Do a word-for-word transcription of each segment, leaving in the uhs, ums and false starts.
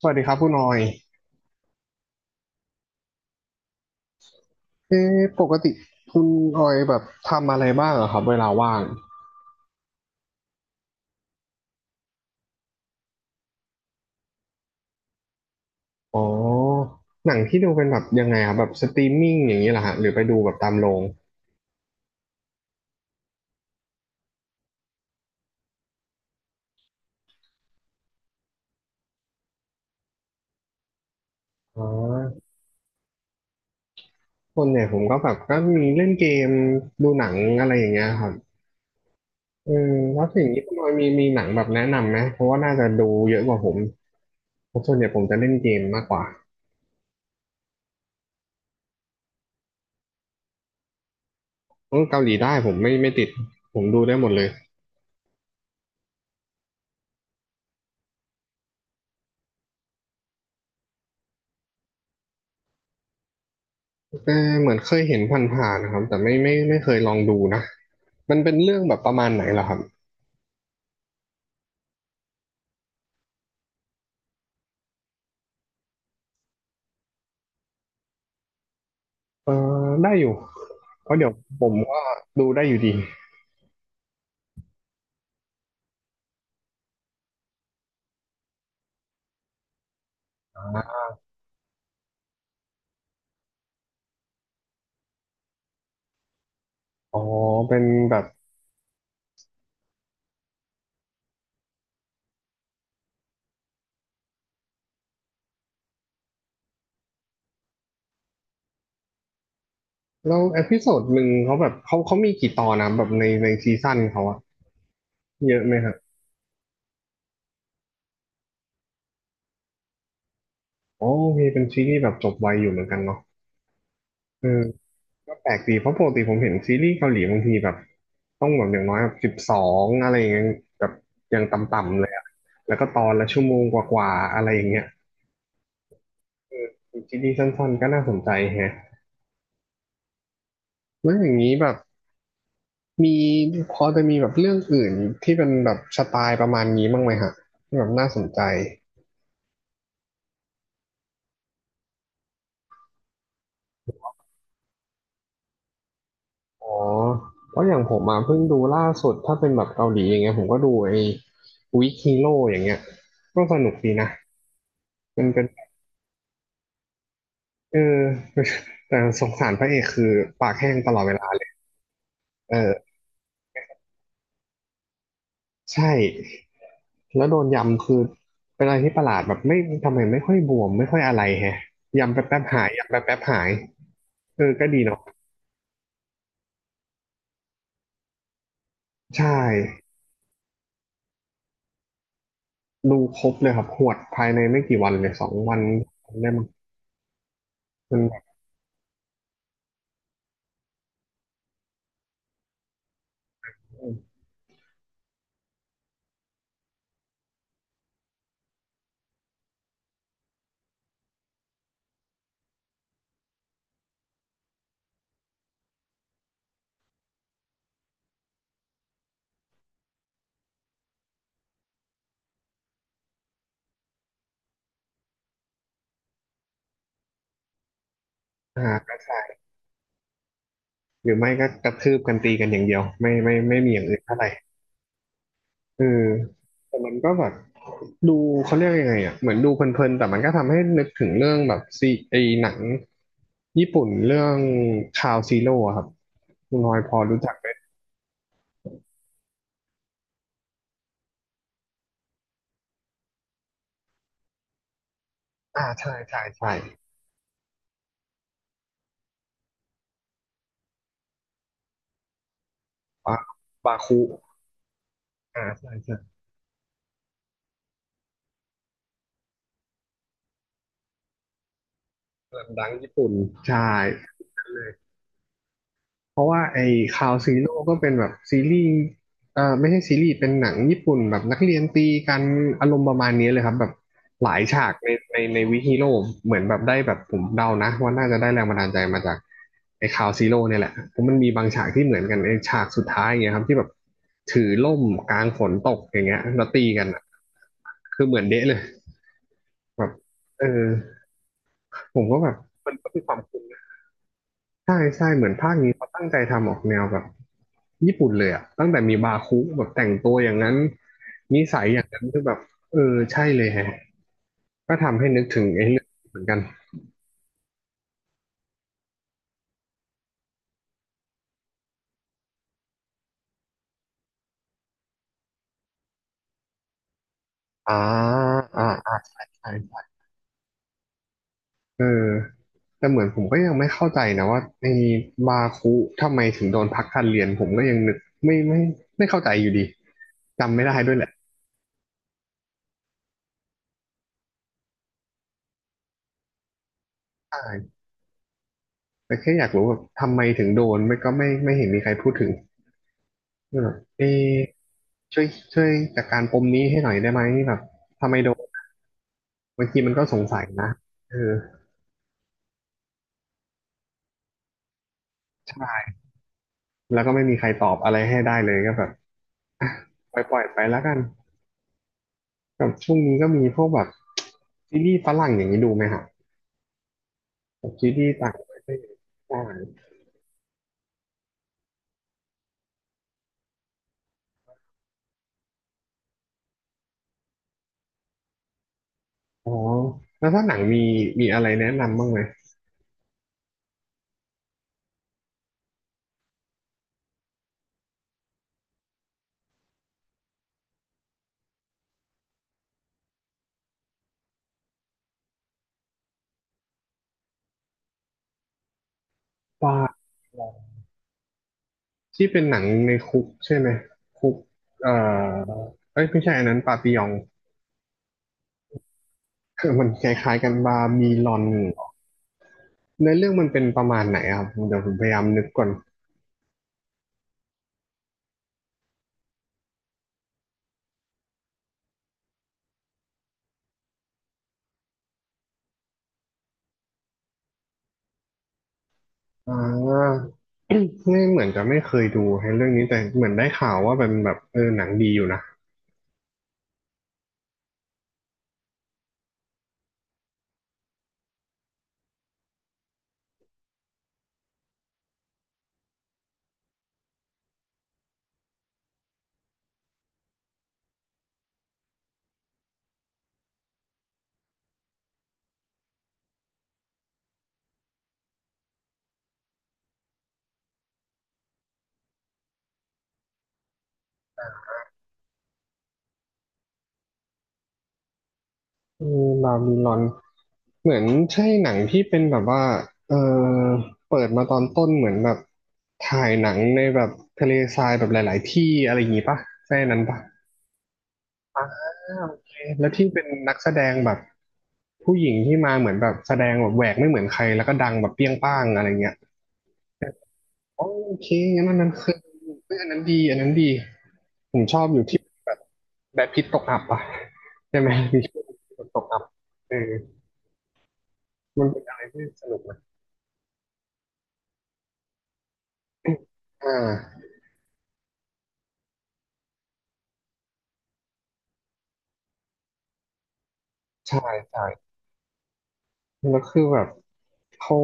สวัสดีครับคุณออยเอ๊ะปกติคุณออยแบบทำอะไรบ้างเหรอครับเวลาว่างอ๋อหนังที่ดูเป็นแบบยังไงครับแบบสตรีมมิ่งอย่างนี้เหรอฮะหรือไปดูแบบตามโรงอ๋อส่วนใหญ่ผมก็แบบก็มีเล่นเกมดูหนังอะไรอย่างเงี้ยครับอืมแล้วอย่างนี้คุณออยมีมีหนังแบบแนะนำไหมเพราะว่าน่าจะดูเยอะกว่าผมเพราะส่วนใหญ่ผมจะเล่นเกมมากกว่าเออเกาหลีได้ผมไม่ไม่ติดผมดูได้หมดเลยเออเหมือนเคยเห็นผ่านๆนะครับแต่ไม่ไม่ไม่เคยลองดูนะ มันเป็นเรื่องแบบประมาณไหนล่ะครับเออได้อยู่เพราะเดี๋ยวผมก็ดูได้อยู่ดีอ๋อเป็นแบบแล้วเอพิโซดหนึ่งเขาแบบเขาเขามีกี่ตอนนะแบบในในซีซั่นเขาอะเยอะไหมครับอ๋อมีเป็นซีรีส์แบบจบไวอยู่เหมือนกันเนาะเออก็แปลกดีเพราะปกติผมเห็นซีรีส์เกาหลีบางทีแบบต้องแบบอย่างน้อยแบบสิบสองอะไรอย่างเงี้ยแบบอย่างต่ำๆเลยอะแล้วก็ตอนละชั่วโมงกว่าๆอะไรอย่างเงี้ยซีรีส์สั้นๆก็น่าสนใจแฮะแล้วอย่างนี้แบบ มีพอจะมีแบบเรื่องอื่นที่เป็นแบบสไตล์ประมาณนี้บ้างไหมฮะที่แบบน่าสนใจอ๋อเพราะอย่างผมมาเพิ่งดูล่าสุดถ้าเป็นแบบเกาหลีอย่างเงี้ยผมก็ดูไอ้วิกฮีโร่อย่างเงี้ยก็สนุกดีนะมันเป็นเออ แต่สงสารพระเอกคือปากแห้งตลอดเวลาเออใช่แล้วโดนยำคือเป็นอะไรที่ประหลาดแบบไม่ทำไมไม่ค่อยบวมไม่ค่อยอะไรแฮะยำแป๊บแป๊บหายยำแป๊บแป๊บหายเออก็ดีเนาะใช่ ดูครบเลยครับหวดภายในไม่กี่วันเลยสองวันได้มั้งมันแบบหาหรือไม่ก็กระทืบกันตีกันอย่างเดียวไม่ไม่ไม่มีอย่างอื่นเท่าไหร่เออแต่มันก็แบบดูเขาเรียกยังไงอ่ะเหมือนดูเพลินๆแต่มันก็ทำให้นึกถึงเรื่องแบบซีไอหนังญี่ปุ่นเรื่องคาวซีโร่ครับคุณน้อยพอรู้จักไหมอ่าใช่ใช่ใช่บาบาคุอ่าใช่ใช่หนังดังญี่ปุ่นใช่ เพราะว่าไอ้คาวซีโร่ก็เป็นแบบซีรีส์เอ่อไม่ใช่ซีรีส์เป็นหนังญี่ปุ่นแบบนักเรียนตีกันอารมณ์ประมาณนี้เลยครับแบบหลายฉากในในในวิฮีโร่เหมือนแบบได้แบบผมเดานะว่าน่าจะได้แรงบันดาลใจมาจากไอ้คาวซีโร่เนี่ยแหละเพราะมันมีบางฉากที่เหมือนกันไอ้ฉากสุดท้ายอย่างเงี้ยครับที่แบบถือล่มกลางฝนตกอย่างเงี้ยแล้วตีกันอะคือเหมือนเดะเลยแบบเออผมก็แบบมันก็มีความคุ้น ใช่ใช่เหมือนภาคนี้เขาตั้งใจทำออกแนวแบบญี่ปุ่นเลยอะตั้งแต่มีบาคุแบบแต่งตัวอย่างนั้นนิสัยอย่างนั้นคือแบบเออใช่เลยแฮะก็ทำให้นึกถึงไอ้เรื่องเหมือนกันอ่าอ่าอ่าใช่ใช่เออแต่เหมือนผมก็ยังไม่เข้าใจนะว่าไอ้บาคุทำไมถึงโดนพักการเรียนผมก็ยังนึกไม่ไม่ไม่เข้าใจอยู่ดีจำไม่ได้ด้วยแหละใช่แต่แค่อยากรู้ว่าทำไมถึงโดนไม่ก็ไม่ไม่เห็นมีใครพูดถึงเออเอะ ช่วยช่วยจัดการปมนี้ให้หน่อยได้ไหมแบบทำไมโดนบางทีมันก็สงสัยนะเออใช่แล้วก็ไม่มีใครตอบอะไรให้ได้เลยก็แบบอ่ะปล่อยปล่อยไปแล้วกันกับช่วงนี้ก็มีพวกแบบซีรีส์ฝรั่งอย่างนี้ดูไหมฮะแบบซีรีส์ต่างประเทศใช่อ๋อแล้วถ้าหนังมีมีอะไรแนะนำบ้างไหมว่าที่เป็นหนังในคุกใช่ไหมคุกเอ่อเอ้ยไม่ใช่อันนั้นปาปิยอง มันคล้ายๆกันบาร์บีลอน เนื้อเรื่องมันเป็นประมาณไหนอะครับเดี๋ยวผมพยายามนึกก่อนอ่า ไม่เหมือนจะไม่เคยดูให้เรื่องนี้แต่เหมือนได้ข่าวว่าเป็นแบบเออหนังดีอยู่นะเออลาบิลอนเหมือนใช่หนังที่เป็นแบบว่าเออเปิดมาตอนต้นเหมือนแบบถ่ายหนังในแบบทะเลทรายแบบหลายๆที่อะไรอย่างงี้ปะใช่นั้นปะอ่าโอเคแล้วที่เป็นนักแสดงแบบผู้หญิงที่มาเหมือนแบบแสดงแบบแหวกไม่เหมือนใครแล้วก็ดังแบบเปรี้ยงป้างอะไรเงี้ย โอเคงั้นอันนั้นคือเฮ้ยอันนั้นดีอันนั้นดีผมชอบอยู่ที่แบบแบดพิตตกอับอะใช่ไหมมีช่วงที่ตกอับเออมันเป็นอะไรที่สนุกนะอ่าใช่ใช่แล้วคือแบบเขา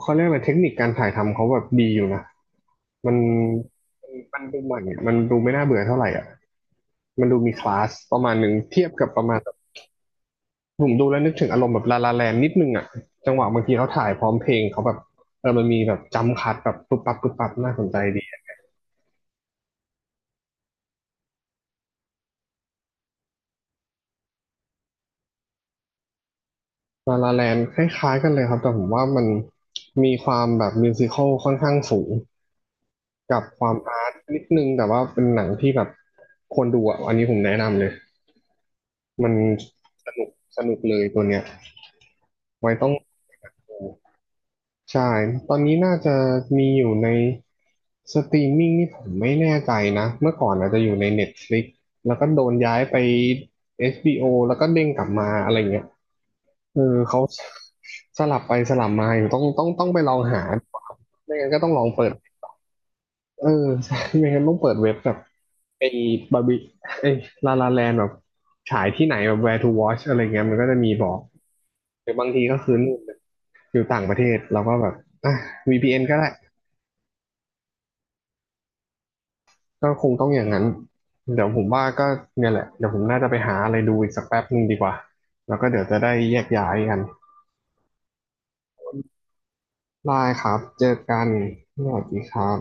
เขาเรียกอะไรเทคนิคการถ่ายทำเขาแบบดีอยู่นะมันมันมันดูใหม่อะมันดูไม่น่าเบื่อเท่าไหร่อ่ะมันดูมีคลาสประมาณหนึ่งเทียบกับประมาณ ผมดูแล้วนึกถึงอารมณ์แบบลาลาแลนนิดนึงอ่ะจังหวะบางทีเขาถ่ายพร้อมเพลงเขาแบบเออมันมีแบบจัมป์คัทแบบปุ๊บปั๊บปุ๊บปั๊บน่าสนใจดีลาลาแลนคล้ายๆกันเลยครับแต่ผมว่ามันมีความแบบมิวสิคัลค่อนข้างสูงกับความอาร์ตนิดนึงแต่ว่าเป็นหนังที่แบบควรดูอ่ะอันนี้ผมแนะนำเลยมันสนุกสนุกเลยตัวเนี้ยไว้ต้องดู ใช่ ตอนนี้น่าจะมีอยู่ในสตรีมมิ่งนี่ผมไม่แน่ใจนะ เมื่อก่อนอาจจะอยู่ใน Netflix แล้วก็โดนย้ายไป เอช บี โอ แล้วก็เด้งกลับมาอะไรเงี้ยเออเขาสลับไปสลับมาอยู่ต้องต้องต้องไปลองหาไม่งั้นก็ต้องลองเปิดเออใช่ไม่งั้นต้องเปิดเว็บแบบไอ้บาร์บี้ไอ้ลาลาแลนแบบฉายที่ไหนแบบ where to watch อะไรเงี้ยมันก็จะมีบอกหรือบางทีก็คือนู่นอยู่ต่างประเทศเราก็แบบอ่ะ วี พี เอ็น ก็ได้ ก็คงต้องอย่างนั้น เดี๋ยวผมว่าก็เนี่ยแหละ เดี๋ยวผมน่าจะไปหาอะไรดูอีกสักแป๊บหนึ่งดีกว่า แล้วก็เดี๋ยวจะได้แยกย้ายกันได้ครับเจอกันสวัสดีครับ